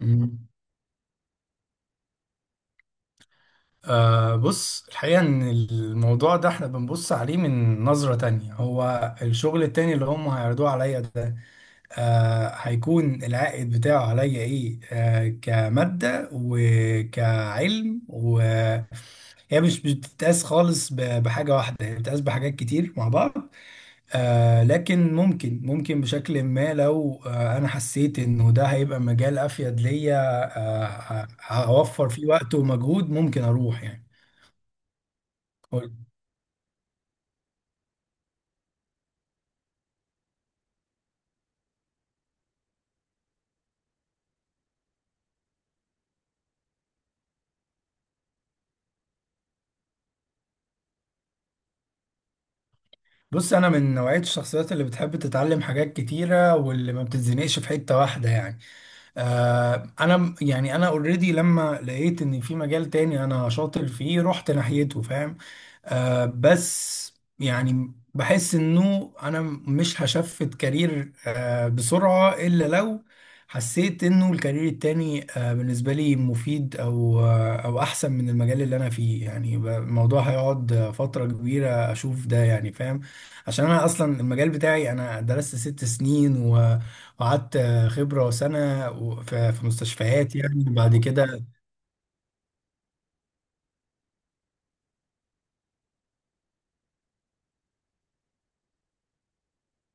مم. بص، الحقيقة إن الموضوع ده إحنا بنبص عليه من نظرة تانية. هو الشغل التاني اللي هم هيعرضوه عليا ده هيكون العائد بتاعه عليا إيه؟ كمادة وكعلم، وهي مش بتتقاس خالص بحاجة واحدة، هي بتتقاس بحاجات كتير مع بعض. لكن ممكن بشكل ما، لو انا حسيت انه ده هيبقى مجال افيد ليا، آه هوفر فيه وقت ومجهود، ممكن اروح يعني. قول. بص، انا من نوعية الشخصيات اللي بتحب تتعلم حاجات كتيرة واللي ما بتتزنقش في حتة واحدة يعني. يعني انا اوريدي لما لقيت ان في مجال تاني انا شاطر فيه رحت ناحيته، فاهم؟ بس يعني بحس انه انا مش هشفت كارير بسرعة، الا لو حسيت انه الكارير التاني بالنسبة لي مفيد، او او احسن من المجال اللي انا فيه يعني. الموضوع هيقعد فترة كبيرة اشوف ده يعني، فاهم؟ عشان انا اصلا المجال بتاعي، انا درست 6 سنين وقعدت خبرة وسنة في مستشفيات يعني بعد كده.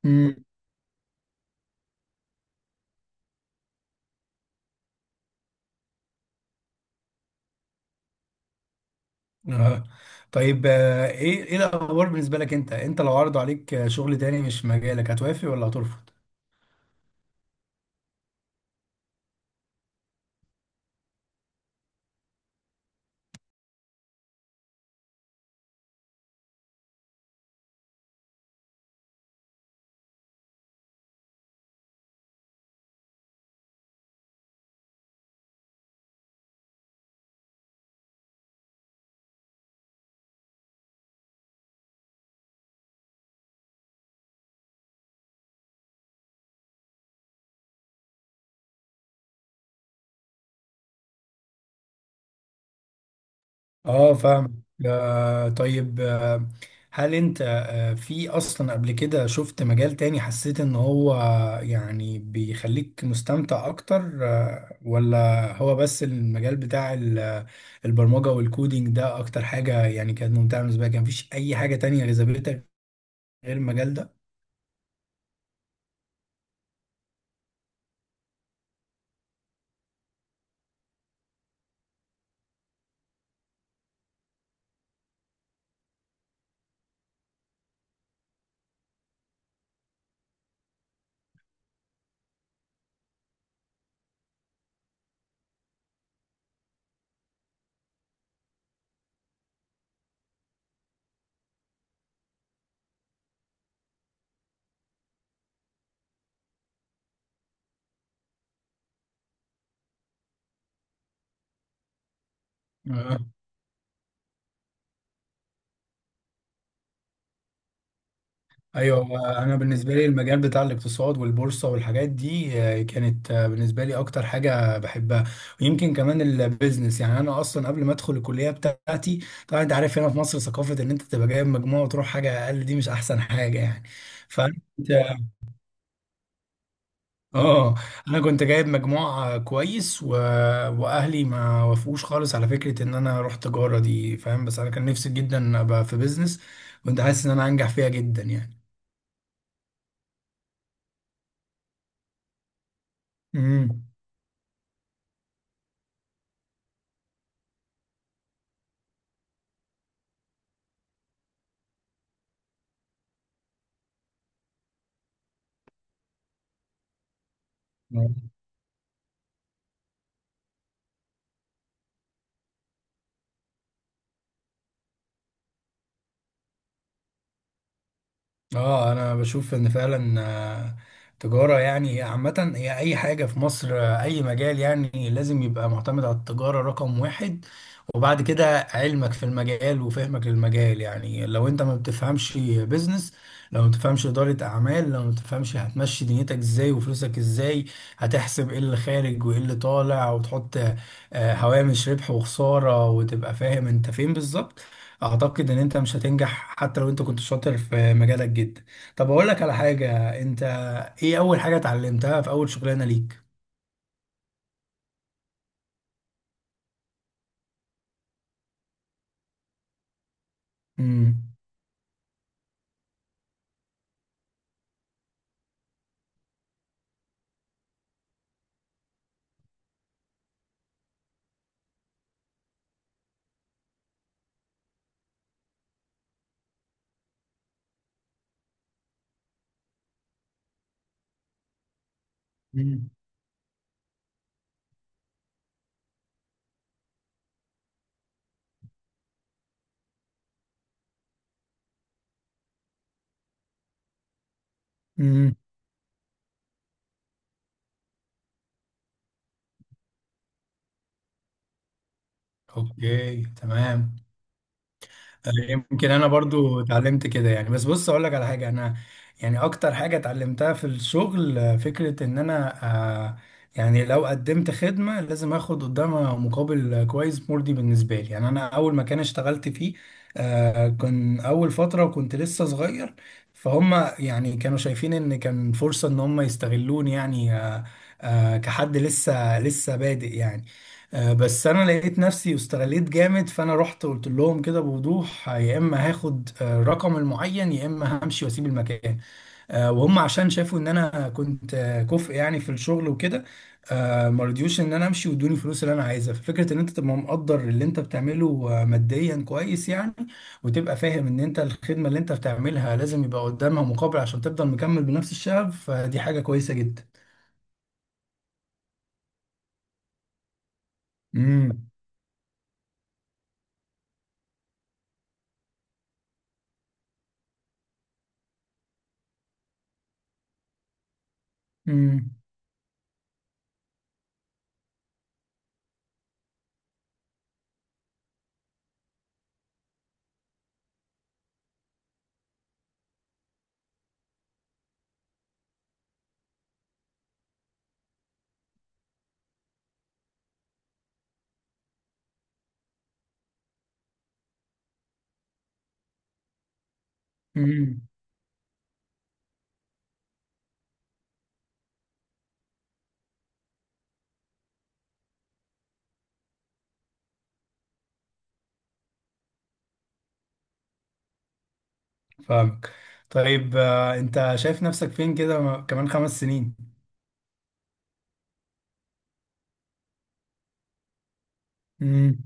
مم. آه. طيب، ايه الاخبار بالنسبة لك؟ انت لو عرضوا عليك شغل تاني مش في مجالك، هتوافق ولا هترفض؟ اه، فاهم. طيب، هل انت في اصلا قبل كده شفت مجال تاني حسيت ان هو يعني بيخليك مستمتع اكتر، ولا هو بس المجال بتاع البرمجة والكودينج ده اكتر حاجة يعني كانت ممتعة بالنسبة لك؟ كان مفيش اي حاجة تانية جذبتك غير المجال ده؟ اه، ايوه. انا بالنسبه لي المجال بتاع الاقتصاد والبورصه والحاجات دي كانت بالنسبه لي اكتر حاجه بحبها، ويمكن كمان البيزنس. يعني انا اصلا قبل ما ادخل الكليه بتاعتي، طبعا انت عارف، هنا في مصر ثقافه ان انت تبقى جايب مجموع وتروح حاجه اقل دي مش احسن حاجه يعني. فانا كنت اه انا كنت جايب مجموع كويس، واهلي ما وافقوش خالص على فكره ان انا اروح تجاره دي، فاهم؟ بس انا كان نفسي جدا ابقى في بيزنس، كنت حاسس ان انا هنجح فيها جدا يعني. امم. اه، انا بشوف ان فعلا تجارة يعني عامة، هي اي حاجة في مصر، اي مجال يعني لازم يبقى معتمد على التجارة رقم واحد، وبعد كده علمك في المجال وفهمك للمجال. يعني لو انت ما بتفهمش بيزنس، لو ما بتفهمش إدارة اعمال، لو ما بتفهمش، هتمشي دنيتك ازاي وفلوسك ازاي؟ هتحسب ايه اللي خارج وايه اللي طالع، وتحط هوامش ربح وخسارة، وتبقى فاهم انت فين بالظبط. اعتقد ان انت مش هتنجح حتى لو انت كنت شاطر في مجالك جدا. طب اقول لك على حاجة، انت ايه اول حاجة اتعلمتها في اول شغلانة ليك؟ امم. مم. امم، اوكي، تمام. يمكن انا برضو اتعلمت كده يعني، بس بص اقول لك على حاجه، انا يعني اكتر حاجه اتعلمتها في الشغل فكره ان انا آه، يعني لو قدمت خدمه لازم اخد قدامها مقابل كويس مرضي بالنسبه لي. يعني انا اول مكان اشتغلت فيه كان اول فتره كنت لسه صغير، فهم يعني كانوا شايفين ان كان فرصه ان هم يستغلوني يعني، كحد لسه بادئ يعني. بس انا لقيت نفسي واستغليت جامد، فانا رحت قلت لهم كده بوضوح، يا اما هاخد الرقم المعين يا اما همشي واسيب المكان. وهم عشان شافوا ان انا كنت كفء يعني في الشغل وكده، ما رضيوش ان انا امشي، وادوني الفلوس اللي انا عايزها. ففكره ان انت تبقى مقدر اللي انت بتعمله ماديا كويس يعني، وتبقى فاهم ان انت الخدمه اللي انت بتعملها لازم يبقى قدامها مقابل عشان تفضل مكمل بنفس الشغف، فدي حاجه كويسه جدا. امم. امم، فاهمك. طيب، انت شايف نفسك فين كده، كمان 5 سنين؟ مم.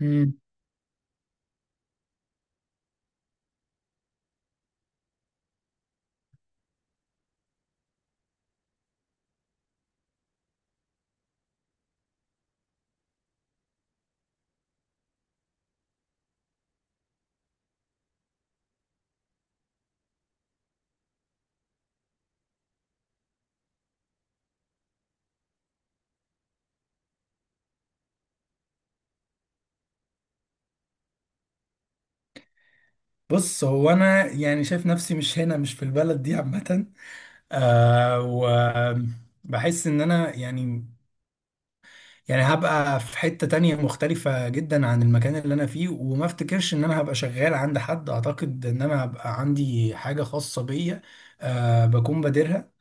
مم. بص، هو انا يعني شايف نفسي مش هنا، مش في البلد دي عامة، وبحس ان انا يعني هبقى في حتة تانية مختلفة جدا عن المكان اللي انا فيه، وما افتكرش ان انا هبقى شغال عند حد. اعتقد ان انا هبقى عندي حاجة خاصة بيا، بكون بادرها،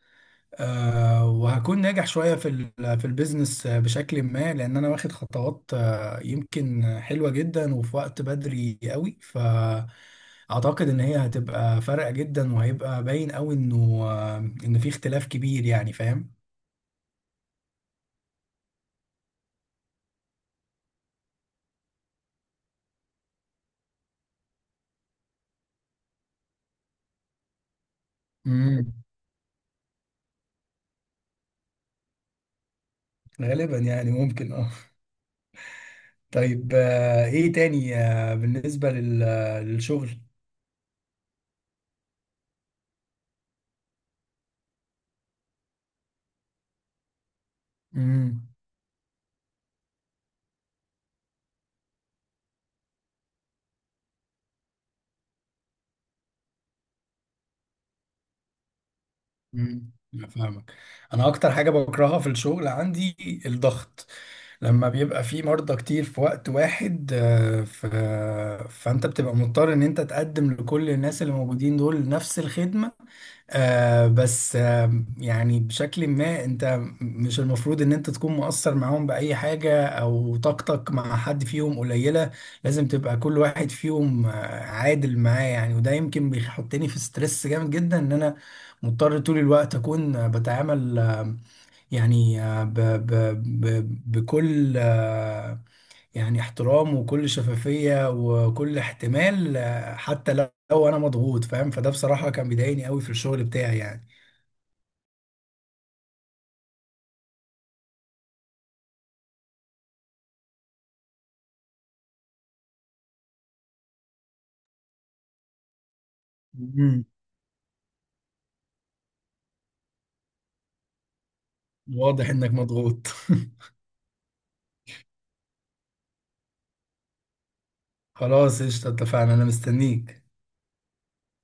وهكون ناجح شوية في في البيزنس بشكل ما، لأن أنا واخد خطوات يمكن حلوة جدا، وفي وقت بدري قوي، فأعتقد إن هي هتبقى فارقة جدا، وهيبقى باين قوي إنه إن في اختلاف كبير يعني، فاهم؟ امم. غالبا يعني، ممكن، اه. طيب، إيه تاني بالنسبة للشغل؟ مم. أنا فاهمك. انا اكتر حاجه بكرهها في الشغل عندي الضغط، لما بيبقى في مرضى كتير في وقت واحد. فانت بتبقى مضطر ان انت تقدم لكل الناس اللي موجودين دول نفس الخدمه. بس يعني بشكل ما، انت مش المفروض ان انت تكون مقصر معاهم بأي حاجة او طاقتك مع حد فيهم قليلة، لازم تبقى كل واحد فيهم عادل معاه يعني. وده يمكن بيحطني في ستريس جامد جدا، ان انا مضطر طول الوقت اكون بتعامل، يعني ب ب ب بكل، يعني احترام وكل شفافية وكل احتمال، حتى لو انا مضغوط، فاهم؟ فده بصراحة كان بيضايقني قوي في الشغل بتاعي يعني. مم. واضح انك مضغوط. خلاص، قشطة، اتفقنا، انا مستنيك.